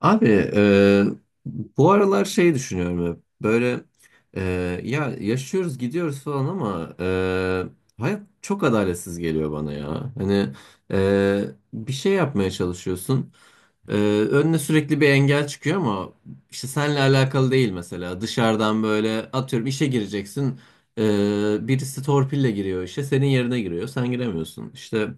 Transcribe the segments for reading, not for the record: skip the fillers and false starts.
Abi, e, bu aralar şey düşünüyorum hep. Böyle e, ya yaşıyoruz gidiyoruz falan ama hayat çok adaletsiz geliyor bana ya. Hani e, bir şey yapmaya çalışıyorsun. E, Önüne sürekli bir engel çıkıyor ama işte seninle alakalı değil mesela. Dışarıdan böyle atıyorum işe gireceksin. Birisi torpille giriyor işe senin yerine giriyor sen giremiyorsun. İşte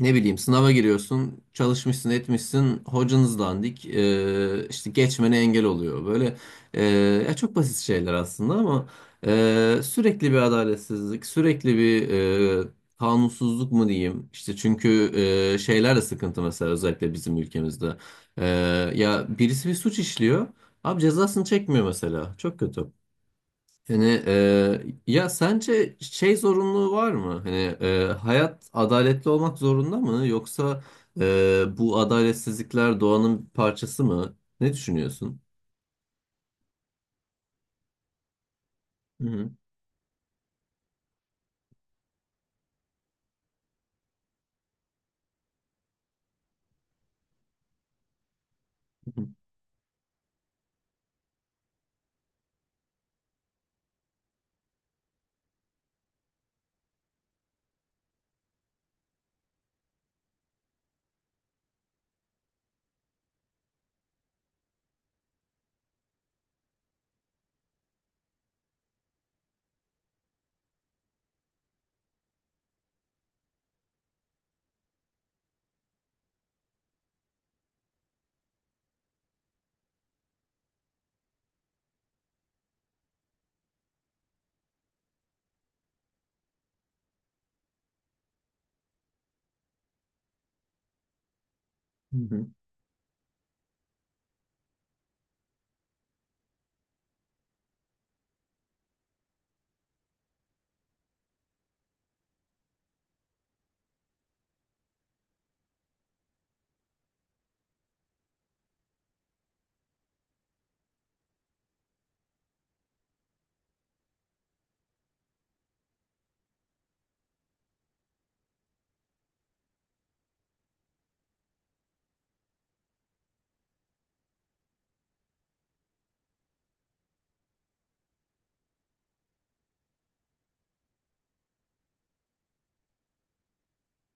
ne bileyim sınava giriyorsun, çalışmışsın, etmişsin, hocanız dandik, işte geçmene engel oluyor. Böyle eee, ya çok basit şeyler aslında ama sürekli bir adaletsizlik, sürekli bir kanunsuzluk mu diyeyim? İşte çünkü şeyler de sıkıntı mesela özellikle bizim ülkemizde. Eee, Ya birisi bir suç işliyor, abi cezasını çekmiyor mesela. Çok kötü. Hani ya sence şey zorunluluğu var mı? Hani hayat adaletli olmak zorunda mı? Yoksa bu adaletsizlikler doğanın bir parçası mı? Ne düşünüyorsun? Hı hı, hı hı.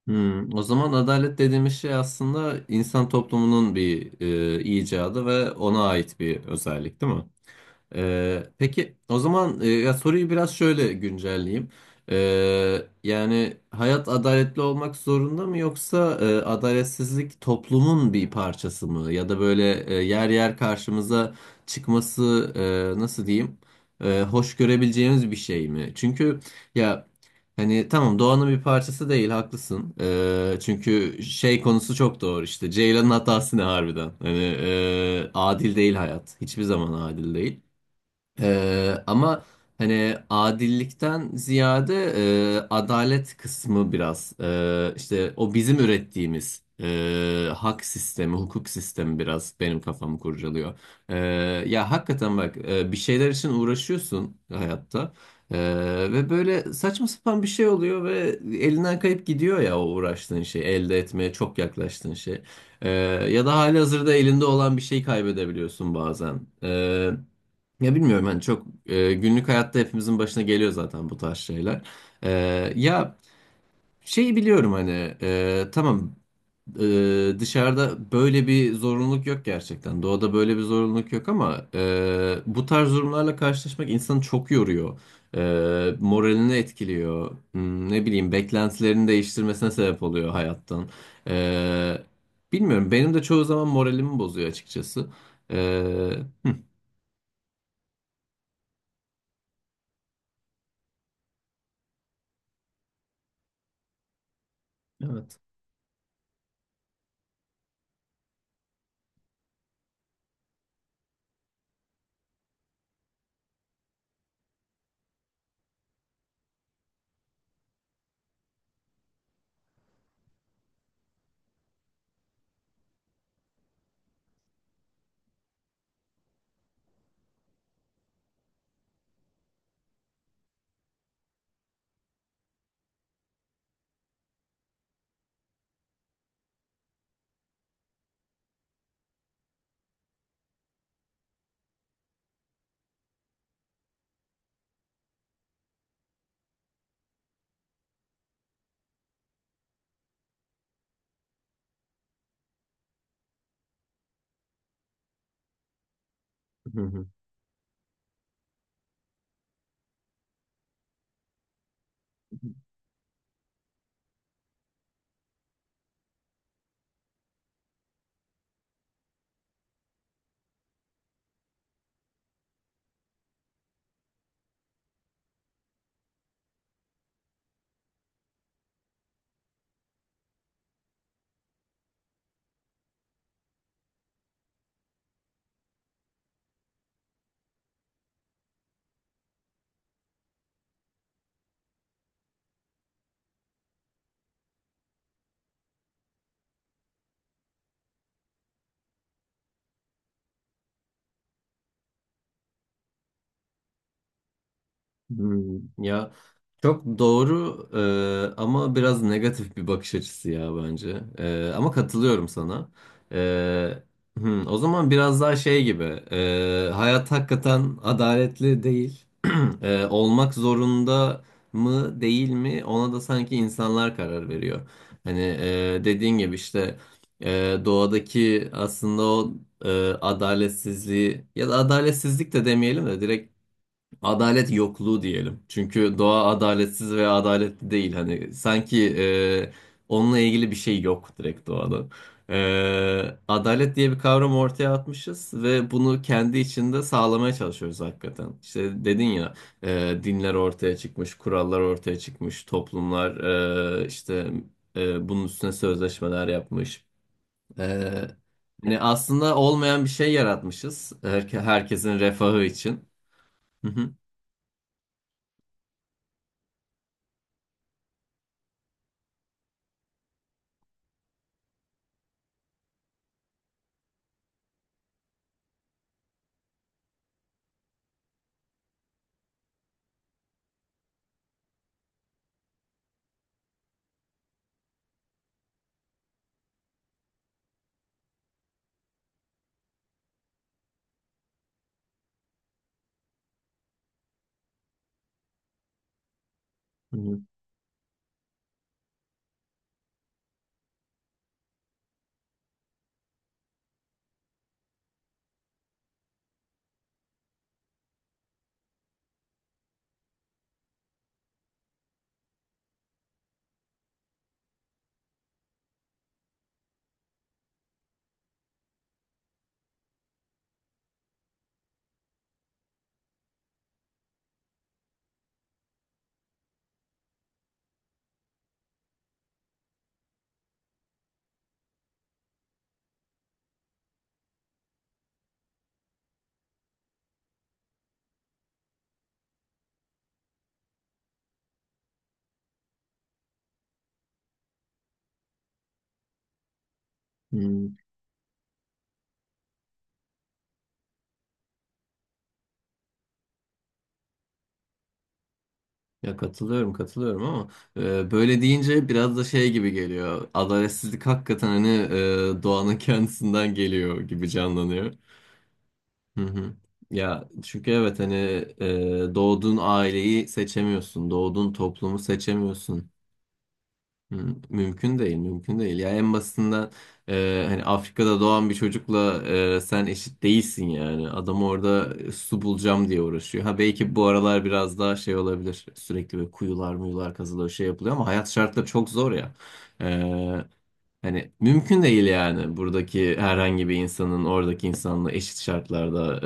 O zaman adalet dediğimiz şey aslında insan toplumunun bir icadı ve ona ait bir özellik, değil mi? Peki o zaman ya soruyu biraz şöyle güncelleyeyim. Yani hayat adaletli olmak zorunda mı yoksa adaletsizlik toplumun bir parçası mı? Ya da böyle yer yer karşımıza çıkması nasıl diyeyim, hoş görebileceğimiz bir şey mi? Çünkü ya hani tamam, doğanın bir parçası değil, haklısın. Çünkü şey konusu çok doğru, işte Ceylan'ın hatası ne harbiden? Hani adil değil hayat, hiçbir zaman adil değil. Ama hani adillikten ziyade adalet kısmı biraz işte o bizim ürettiğimiz hak sistemi, hukuk sistemi biraz benim kafamı kurcalıyor. E, Ya hakikaten bak, bir şeyler için uğraşıyorsun hayatta E, Ve böyle saçma sapan bir şey oluyor ve elinden kayıp gidiyor ya o uğraştığın şey, elde etmeye çok yaklaştığın şey. E, Ya da halihazırda elinde olan bir şey kaybedebiliyorsun bazen. Ya bilmiyorum, hani çok günlük hayatta hepimizin başına geliyor zaten bu tarz şeyler. E, Ya şeyi biliyorum, hani tamam, dışarıda böyle bir zorunluluk yok gerçekten. Doğada böyle bir zorunluluk yok ama bu tarz durumlarla karşılaşmak insanı çok yoruyor. Moralini etkiliyor. Ne bileyim beklentilerini değiştirmesine sebep oluyor hayattan. E, Bilmiyorum, benim de çoğu zaman moralimi bozuyor açıkçası. E, evet. Ya çok doğru, ama biraz negatif bir bakış açısı ya bence. Ama katılıyorum sana. E, O zaman biraz daha şey gibi, hayat hakikaten adaletli değil. Olmak zorunda mı değil mi, ona da sanki insanlar karar veriyor. Hani dediğin gibi işte doğadaki aslında o adaletsizliği, ya da adaletsizlik de demeyelim de direkt adalet yokluğu diyelim. Çünkü doğa adaletsiz veya adaletli değil. Hani sanki onunla ilgili bir şey yok direkt doğada. Adalet diye bir kavram ortaya atmışız ve bunu kendi içinde sağlamaya çalışıyoruz hakikaten. İşte dedin ya, dinler ortaya çıkmış, kurallar ortaya çıkmış, toplumlar işte bunun üstüne sözleşmeler yapmış. E, Hani aslında olmayan bir şey yaratmışız. Herkesin refahı için. Hı hı. Hmm. Ya katılıyorum, katılıyorum ama böyle deyince biraz da şey gibi geliyor. Adaletsizlik hakikaten, hani doğanın kendisinden geliyor gibi canlanıyor. Hı hı. Ya çünkü evet, hani doğduğun aileyi seçemiyorsun, doğduğun toplumu seçemiyorsun. Mümkün değil, mümkün değil. Yani en basitinden hani Afrika'da doğan bir çocukla sen eşit değilsin yani. Adam orada su bulacağım diye uğraşıyor. Ha, belki bu aralar biraz daha şey olabilir. Sürekli böyle kuyular muyular kazılıyor, şey yapılıyor ama hayat şartları çok zor ya. Hani mümkün değil yani buradaki herhangi bir insanın oradaki insanla eşit şartlarda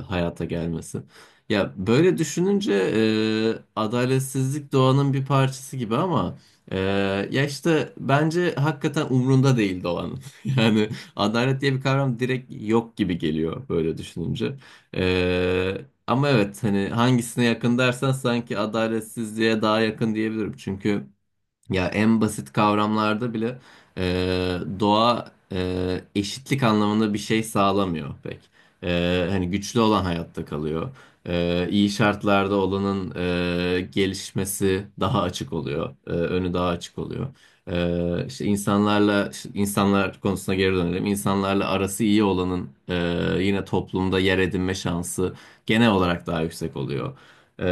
hayata gelmesi. Ya böyle düşününce adaletsizlik doğanın bir parçası gibi ama e, ya işte bence hakikaten umrunda değil doğanın. Yani adalet diye bir kavram direkt yok gibi geliyor böyle düşününce. E, Ama evet, hani hangisine yakın dersen sanki adaletsizliğe daha yakın diyebilirim. Çünkü ya en basit kavramlarda bile doğa eşitlik anlamında bir şey sağlamıyor pek. Hani güçlü olan hayatta kalıyor. İyi şartlarda olanın gelişmesi daha açık oluyor. Önü daha açık oluyor. E, işte insanlarla işte insanlar konusuna geri dönelim. İnsanlarla arası iyi olanın yine toplumda yer edinme şansı genel olarak daha yüksek oluyor. E,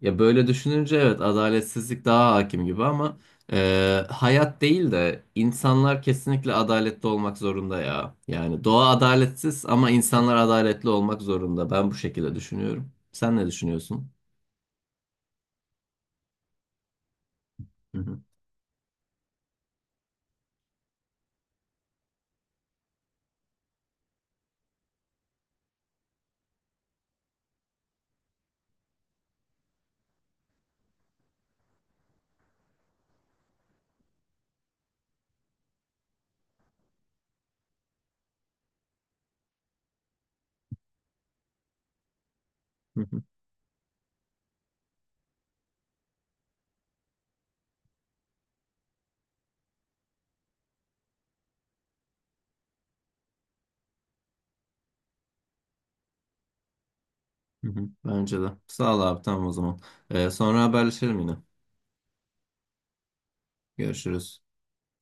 Ya böyle düşününce evet, adaletsizlik daha hakim gibi ama. Hayat değil de insanlar kesinlikle adaletli olmak zorunda ya. Yani doğa adaletsiz ama insanlar adaletli olmak zorunda. Ben bu şekilde düşünüyorum. Sen ne düşünüyorsun? Hı hı, hı hı, hı hı. Bence de. Sağ ol abi, tamam o zaman. Sonra haberleşelim yine. Görüşürüz.